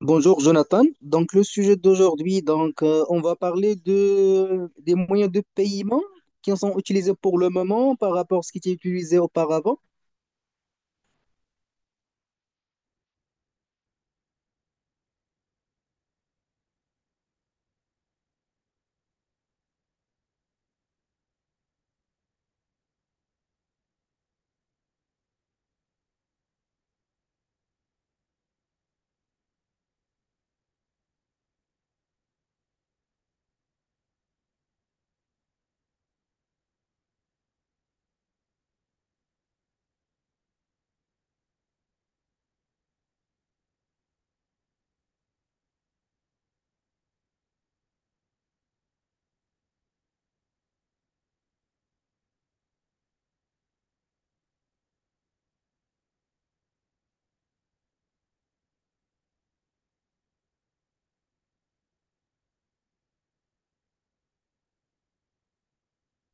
Bonjour Jonathan. Donc le sujet d'aujourd'hui, on va parler de des moyens de paiement qui sont utilisés pour le moment par rapport à ce qui était utilisé auparavant.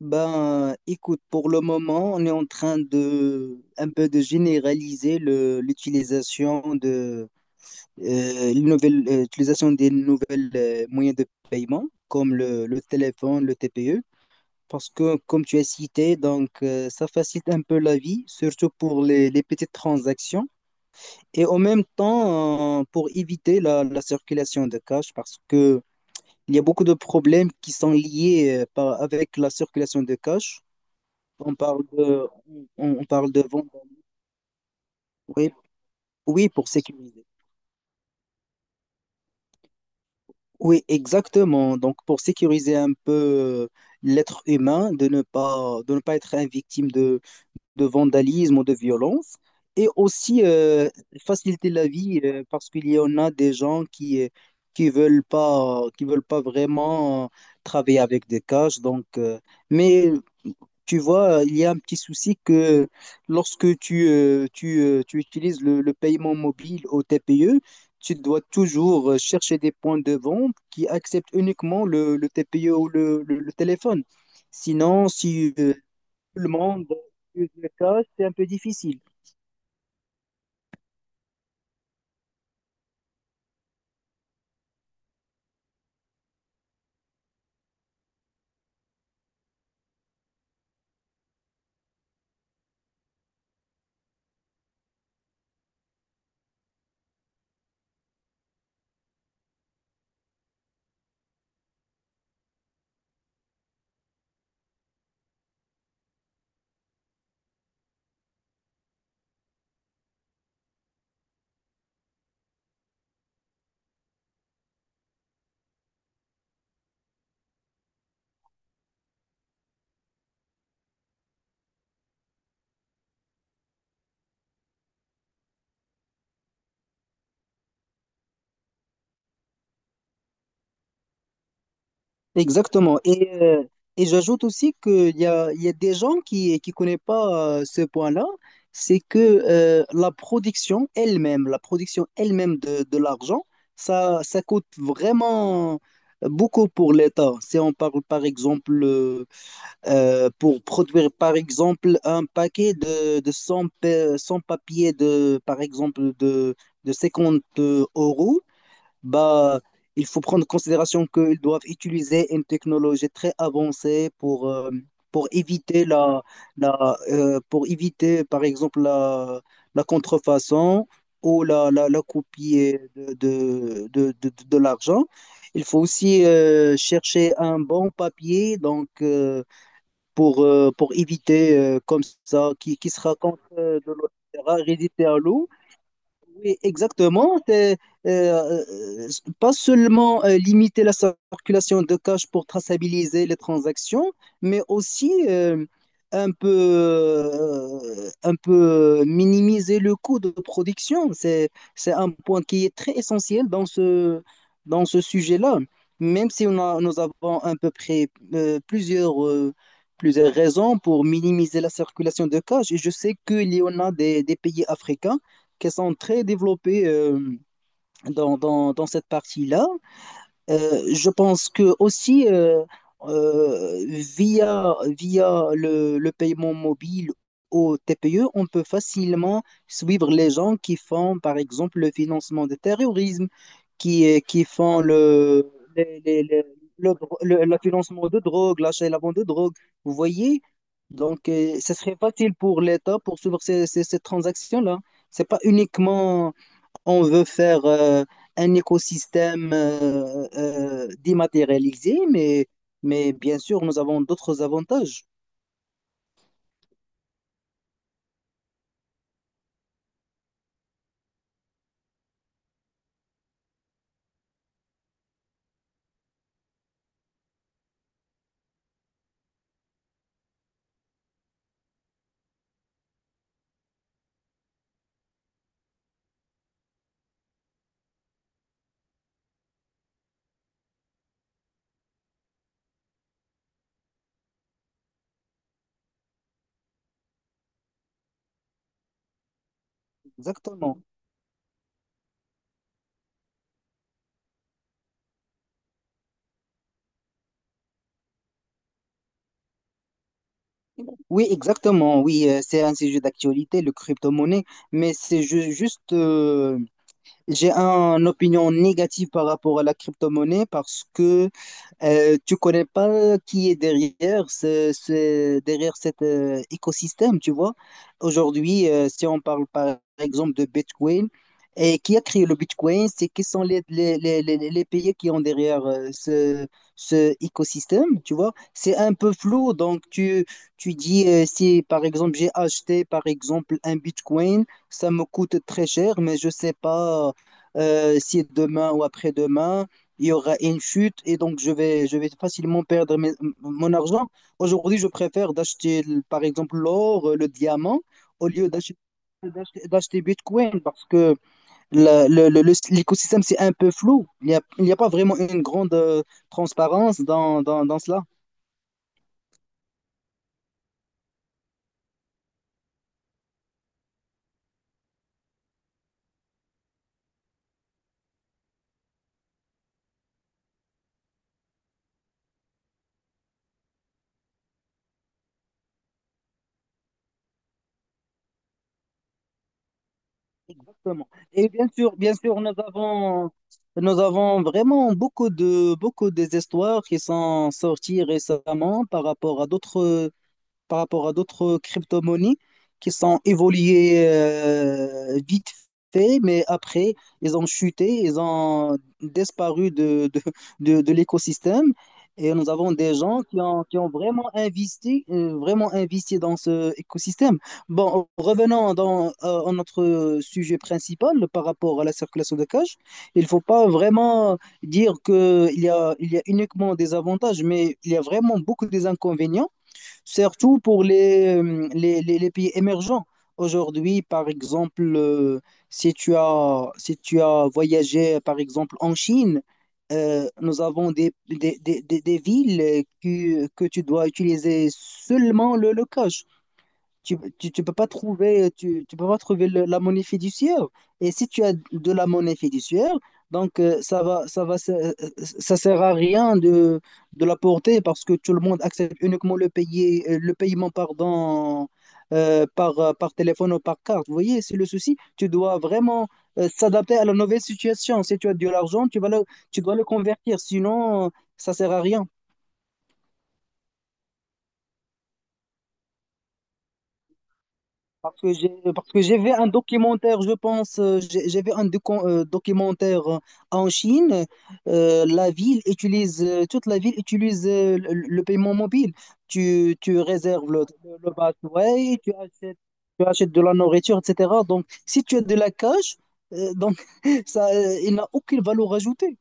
Ben écoute, pour le moment, on est en train de un peu de généraliser le l'utilisation de l'utilisation des nouvelles moyens de paiement comme le téléphone, le TPE. Parce que, comme tu as cité, ça facilite un peu la vie, surtout pour les petites transactions. Et en même temps, pour éviter la circulation de cash, parce que il y a beaucoup de problèmes qui sont liés avec la circulation de cash. On parle de, on parle de vente. Oui, oui, pour sécuriser. Oui, exactement. Donc, pour sécuriser un peu l'être humain, de ne pas être une victime de vandalisme ou de violence, et aussi faciliter la vie parce qu'il y en a des gens qui veulent pas vraiment travailler avec des cages. Mais tu vois, il y a un petit souci que lorsque tu utilises le paiement mobile au TPE, tu dois toujours chercher des points de vente qui acceptent uniquement le TPE ou le téléphone. Sinon, si le monde use le cash, c'est un peu difficile. Exactement. Et, euh, et j'ajoute aussi il y a des gens qui ne connaissent pas ce point-là, c'est que la production elle-même de l'argent, ça coûte vraiment beaucoup pour l'État. Si on parle par exemple, pour produire par exemple un paquet de 100 100 papiers de, par exemple, de 50 euros, bah, il faut prendre en considération qu'ils doivent utiliser une technologie très avancée pour éviter pour éviter, par exemple, la contrefaçon ou la copie de l'argent. Il faut aussi chercher un bon papier pour éviter comme ça, qui sera contre de l'eau, etc., résister à l'eau. Oui, exactement. Euh, euh, pas seulement limiter la circulation de cash pour traçabiliser les transactions, mais aussi un peu minimiser le coût de production. C'est un point qui est très essentiel dans ce sujet-là. Même si nous avons à peu près euh, plusieurs, euh, plusieurs raisons pour minimiser la circulation de cash, et je sais qu'il y en a des pays africains qui sont très développées dans, dans, dans cette partie-là. Je pense que aussi euh, via, via le paiement mobile au TPE, on peut facilement suivre les gens qui font, par exemple, le financement du terrorisme, qui font le, les- le, le financement de drogue, l'achat et la vente de drogue. Vous voyez? Ce serait facile pour l'État pour suivre ces transactions-là. C'est pas uniquement on veut faire un écosystème dématérialisé, mais bien sûr, nous avons d'autres avantages. Exactement. Oui, exactement. Oui, c'est un sujet d'actualité, le crypto-monnaie, mais c'est juste j'ai une opinion négative par rapport à la crypto-monnaie parce que tu connais pas qui est derrière derrière cet écosystème, tu vois. Aujourd'hui, si on parle par exemple de Bitcoin, et qui a créé le Bitcoin, c'est qui sont les pays qui ont derrière ce écosystème, tu vois. C'est un peu flou, tu dis si par exemple j'ai acheté par exemple un Bitcoin, ça me coûte très cher, mais je sais pas. Si demain ou après-demain, il y aura une chute et donc je vais facilement perdre mon argent. Aujourd'hui, je préfère d'acheter, par exemple, l'or, le diamant, au lieu d'acheter Bitcoin parce que l'écosystème, c'est un peu flou. Il n'y a pas vraiment une grande transparence dans, dans, dans cela. Exactement. Et bien sûr, nous avons vraiment beaucoup de, beaucoup des histoires qui sont sorties récemment par rapport à d'autres, par rapport à d'autres crypto-monnaies qui sont évoluées vite fait, mais après, ils ont chuté, ils ont disparu de l'écosystème. Et nous avons des gens qui ont vraiment investi dans ce écosystème. Bon, à notre sujet principal par rapport à la circulation de cash. Il ne faut pas vraiment dire il y a uniquement des avantages, mais il y a vraiment beaucoup des inconvénients surtout pour les pays émergents. Aujourd'hui, par exemple, si tu as voyagé, par exemple, en Chine, nous avons des villes que tu dois utiliser seulement le cash, tu peux pas trouver, tu peux pas trouver la monnaie fiduciaire. Et si tu as de la monnaie fiduciaire, donc ça va, ça va, ça ça, sert à rien de, de la porter parce que tout le monde accepte uniquement le paiement, pardon, par téléphone ou par carte. Vous voyez, c'est le souci. Tu dois vraiment s'adapter à la nouvelle situation. Si tu as de l'argent, tu dois le convertir. Sinon, ça sert à rien. Parce que j'ai parce que j'ai vu un documentaire, je pense, j'ai vu un documentaire en Chine. Toute la ville utilise le paiement mobile. Tu réserves le busway, tu achètes de la nourriture, etc. Donc, si tu as de la cash, euh, donc ça, il n'a aucune valeur ajoutée.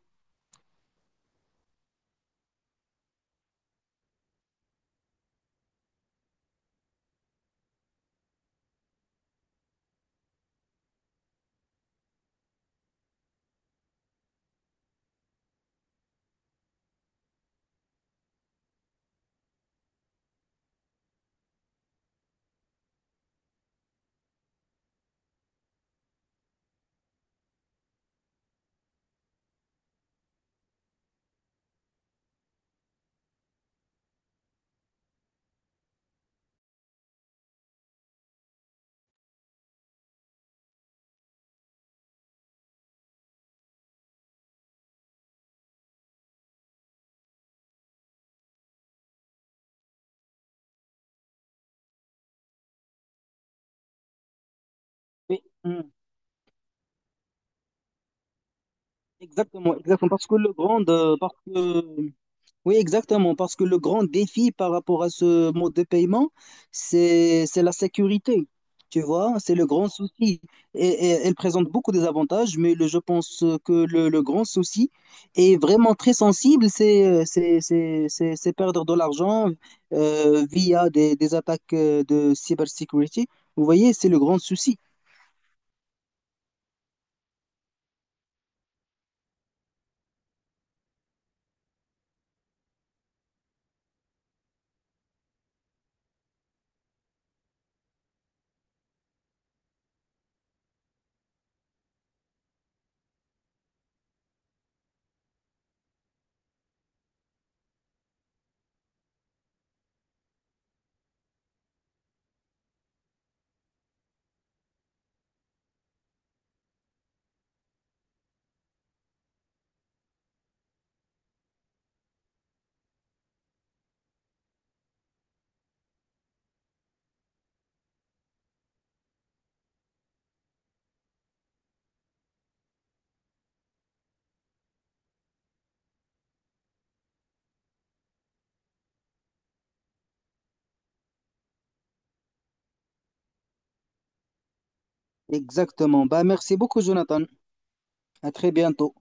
Oui, hum, exactement, exactement. Parce que le grand, parce que Oui, exactement, parce que le grand défi par rapport à ce mode de paiement, c'est la sécurité. Tu vois, c'est le grand souci. Et elle présente beaucoup des avantages, je pense que le grand souci est vraiment très sensible, c'est perdre de l'argent via des attaques de cybersécurité. Vous voyez, c'est le grand souci. Exactement. Bah, merci beaucoup, Jonathan. À très bientôt.